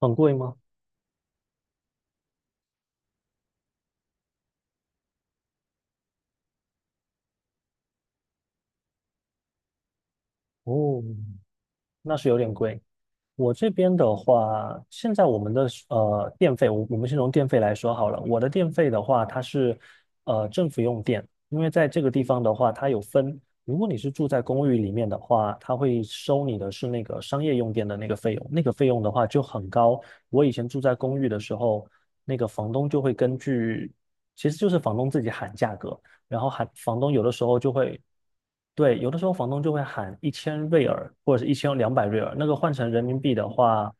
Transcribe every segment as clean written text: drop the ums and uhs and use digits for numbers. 很贵吗？哦，那是有点贵。我这边的话，现在我们的电费，我们先从电费来说好了。我的电费的话，它是政府用电，因为在这个地方的话，它有分。如果你是住在公寓里面的话，它会收你的是那个商业用电的那个费用，那个费用的话就很高。我以前住在公寓的时候，那个房东就会根据，其实就是房东自己喊价格。然后喊房东有的时候就会对，有的时候房东就会喊1000瑞尔或者是1200瑞尔，那个换成人民币的话，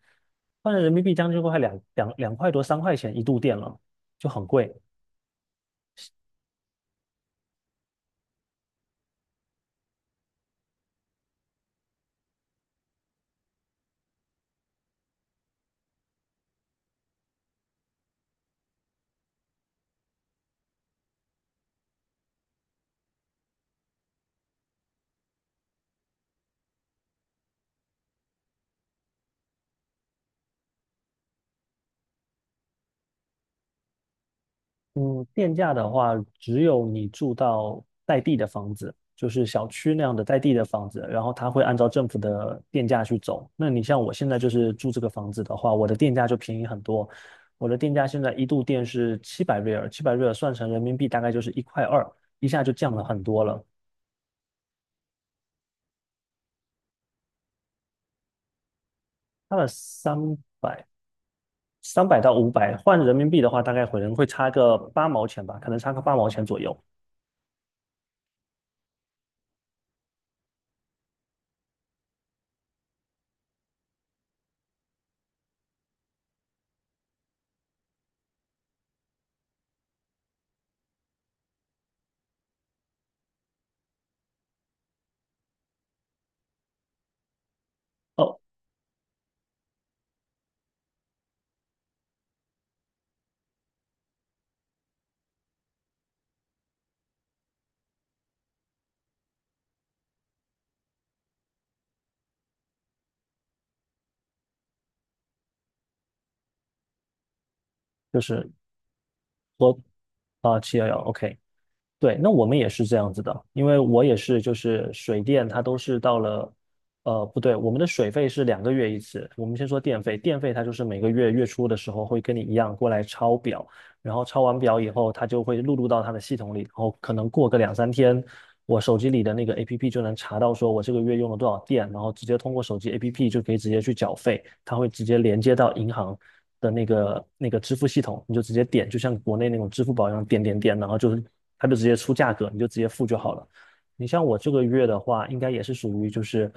换成人民币将近快两块多三块钱一度电了，就很贵。嗯，电价的话，只有你住到带地的房子，就是小区那样的带地的房子，然后它会按照政府的电价去走。那你像我现在就是住这个房子的话，我的电价就便宜很多。我的电价现在一度电是七百瑞尔，七百瑞尔算成人民币大概就是一块二，一下就降了很多了。差了三百，三百到五百，换人民币的话，大概可能会差个八毛钱吧，可能差个八毛钱左右。哦，就是我啊711，OK，对，那我们也是这样子的，因为我也是就是水电它都是到了，不对，我们的水费是两个月一次，我们先说电费，电费它就是每个月月初的时候会跟你一样过来抄表，然后抄完表以后，它就会录入到它的系统里，然后可能过个两三天。我手机里的那个 APP 就能查到说我这个月用了多少电，然后直接通过手机 APP 就可以直接去缴费，它会直接连接到银行的那个支付系统，你就直接点，就像国内那种支付宝一样点点点，然后就是它就直接出价格，你就直接付就好了。你像我这个月的话，应该也是属于就是，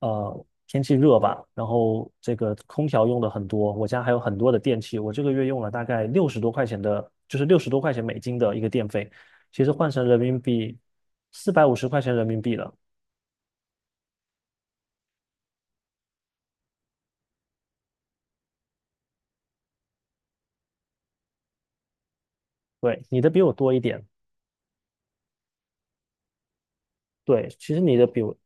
天气热吧，然后这个空调用的很多，我家还有很多的电器，我这个月用了大概六十多块钱的，就是六十多块钱美金的一个电费，其实换成人民币，450块钱人民币了。对，你的比我多一点。对，其实你的比我，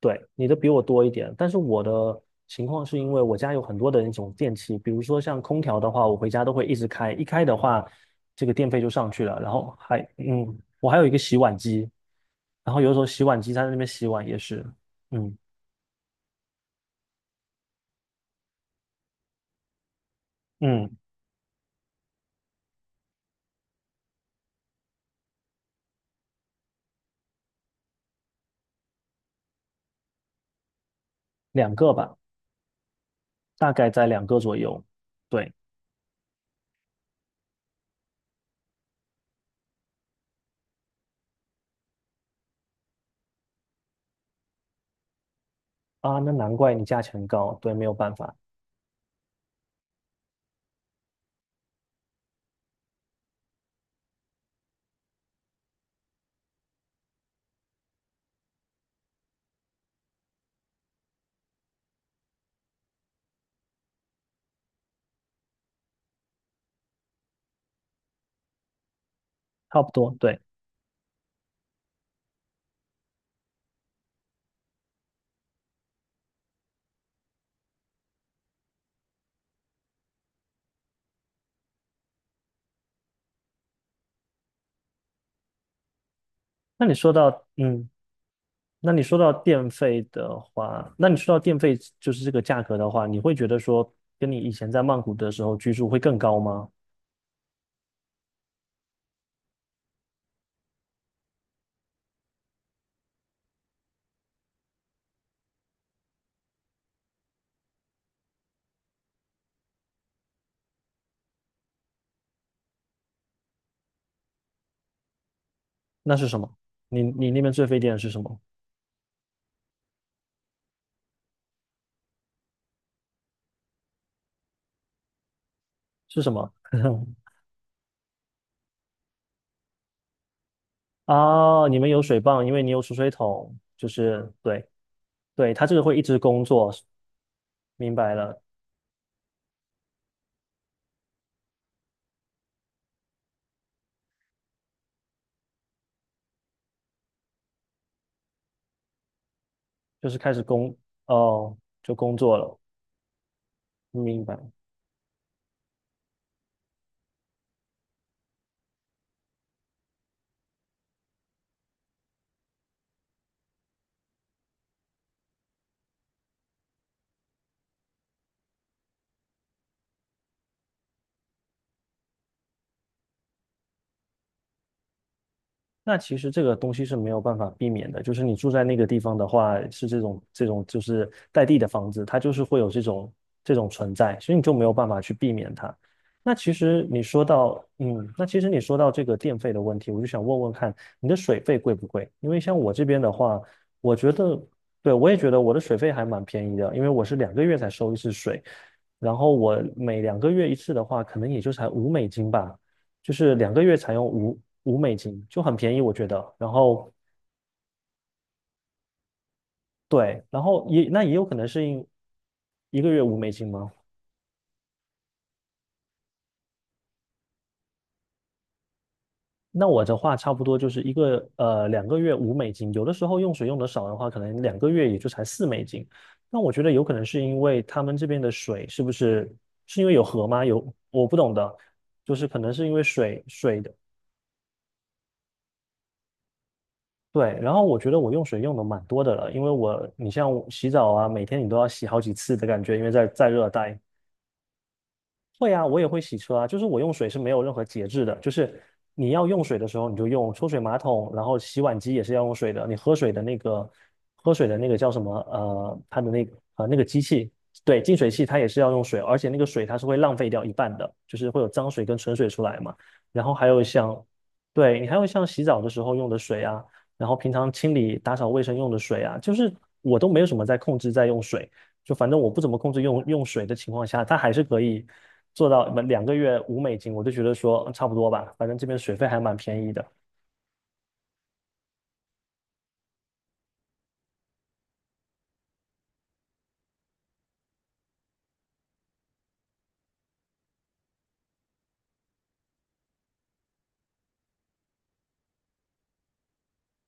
对，你的比我多一点。但是我的情况是因为我家有很多的那种电器，比如说像空调的话，我回家都会一直开，一开的话，这个电费就上去了。然后还，我还有一个洗碗机，然后有时候洗碗机它在那边洗碗也是，嗯嗯，两个吧，大概在两个左右。对啊，那难怪你价钱高，对，没有办法，差不多，对。那你说到，嗯，那你说到电费的话，那你说到电费就是这个价格的话，你会觉得说跟你以前在曼谷的时候居住会更高吗？那是什么？你那边最费电的是什么？是什么？啊，你们有水泵，因为你有储水桶，就是对对，它这个会一直工作，明白了，就是开始工哦，就工作了，明白。那其实这个东西是没有办法避免的，就是你住在那个地方的话，是这种就是带地的房子，它就是会有这种存在，所以你就没有办法去避免它。那其实你说到这个电费的问题，我就想问问看，你的水费贵不贵？因为像我这边的话，我觉得，对，我也觉得我的水费还蛮便宜的，因为我是两个月才收一次水，然后我每两个月一次的话，可能也就才五美金吧，就是两个月才用五美金，就很便宜，我觉得。然后对，然后也那也有可能是因一个月五美金吗？那我的话差不多就是一个呃两个月五美金，有的时候用水用的少的话，可能两个月也就才四美金。那我觉得有可能是因为他们这边的水是不是是因为有河吗？有我不懂的，就是可能是因为水水的。对，然后我觉得我用水用的蛮多的了，因为我你像我洗澡啊，每天你都要洗好几次的感觉，因为在热带，会啊，我也会洗车啊，就是我用水是没有任何节制的，就是你要用水的时候你就用抽水马桶，然后洗碗机也是要用水的，你喝水的那个叫什么，它的那个机器，对，净水器它也是要用水，而且那个水它是会浪费掉一半的，就是会有脏水跟纯水出来嘛。然后还有像，对，你还有像洗澡的时候用的水啊，然后平常清理打扫卫生用的水啊，就是我都没有什么在控制在用水。就反正我不怎么控制用水的情况下，它还是可以做到两个月五美金，我就觉得说嗯差不多吧，反正这边水费还蛮便宜的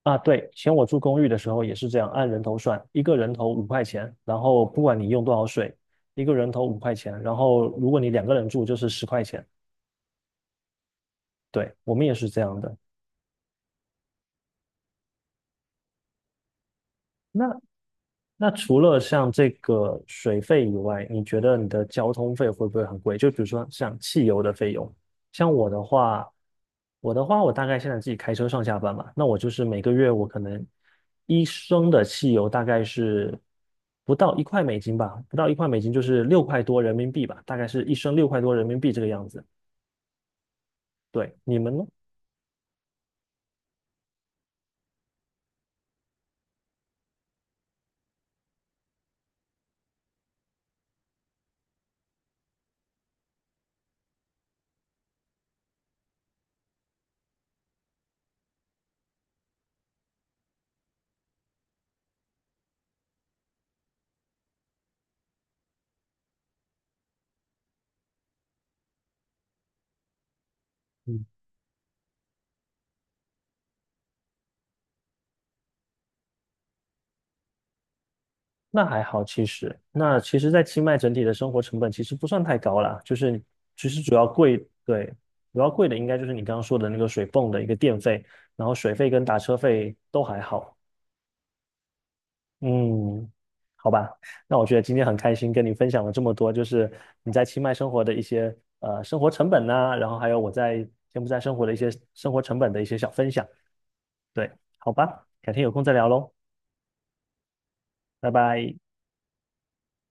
啊。对，以前我住公寓的时候也是这样，按人头算，一个人头五块钱，然后不管你用多少水，一个人头五块钱，然后如果你两个人住就是十块钱。对，我们也是这样的。那那除了像这个水费以外，你觉得你的交通费会不会很贵？就比如说像汽油的费用，像我的话，我大概现在自己开车上下班嘛，那我就是每个月我可能一升的汽油大概是不到一块美金吧，不到一块美金就是六块多人民币吧，大概是一升六块多人民币这个样子。对，你们呢？那还好，其实那其实，在清迈整体的生活成本其实不算太高啦，就是其实主要贵，对，主要贵的应该就是你刚刚说的那个水泵的一个电费，然后水费跟打车费都还好。嗯，好吧，那我觉得今天很开心跟你分享了这么多，就是你在清迈生活的一些生活成本呐、然后还有我在柬埔寨生活的一些生活成本的一些小分享。对，好吧，改天有空再聊喽，拜拜。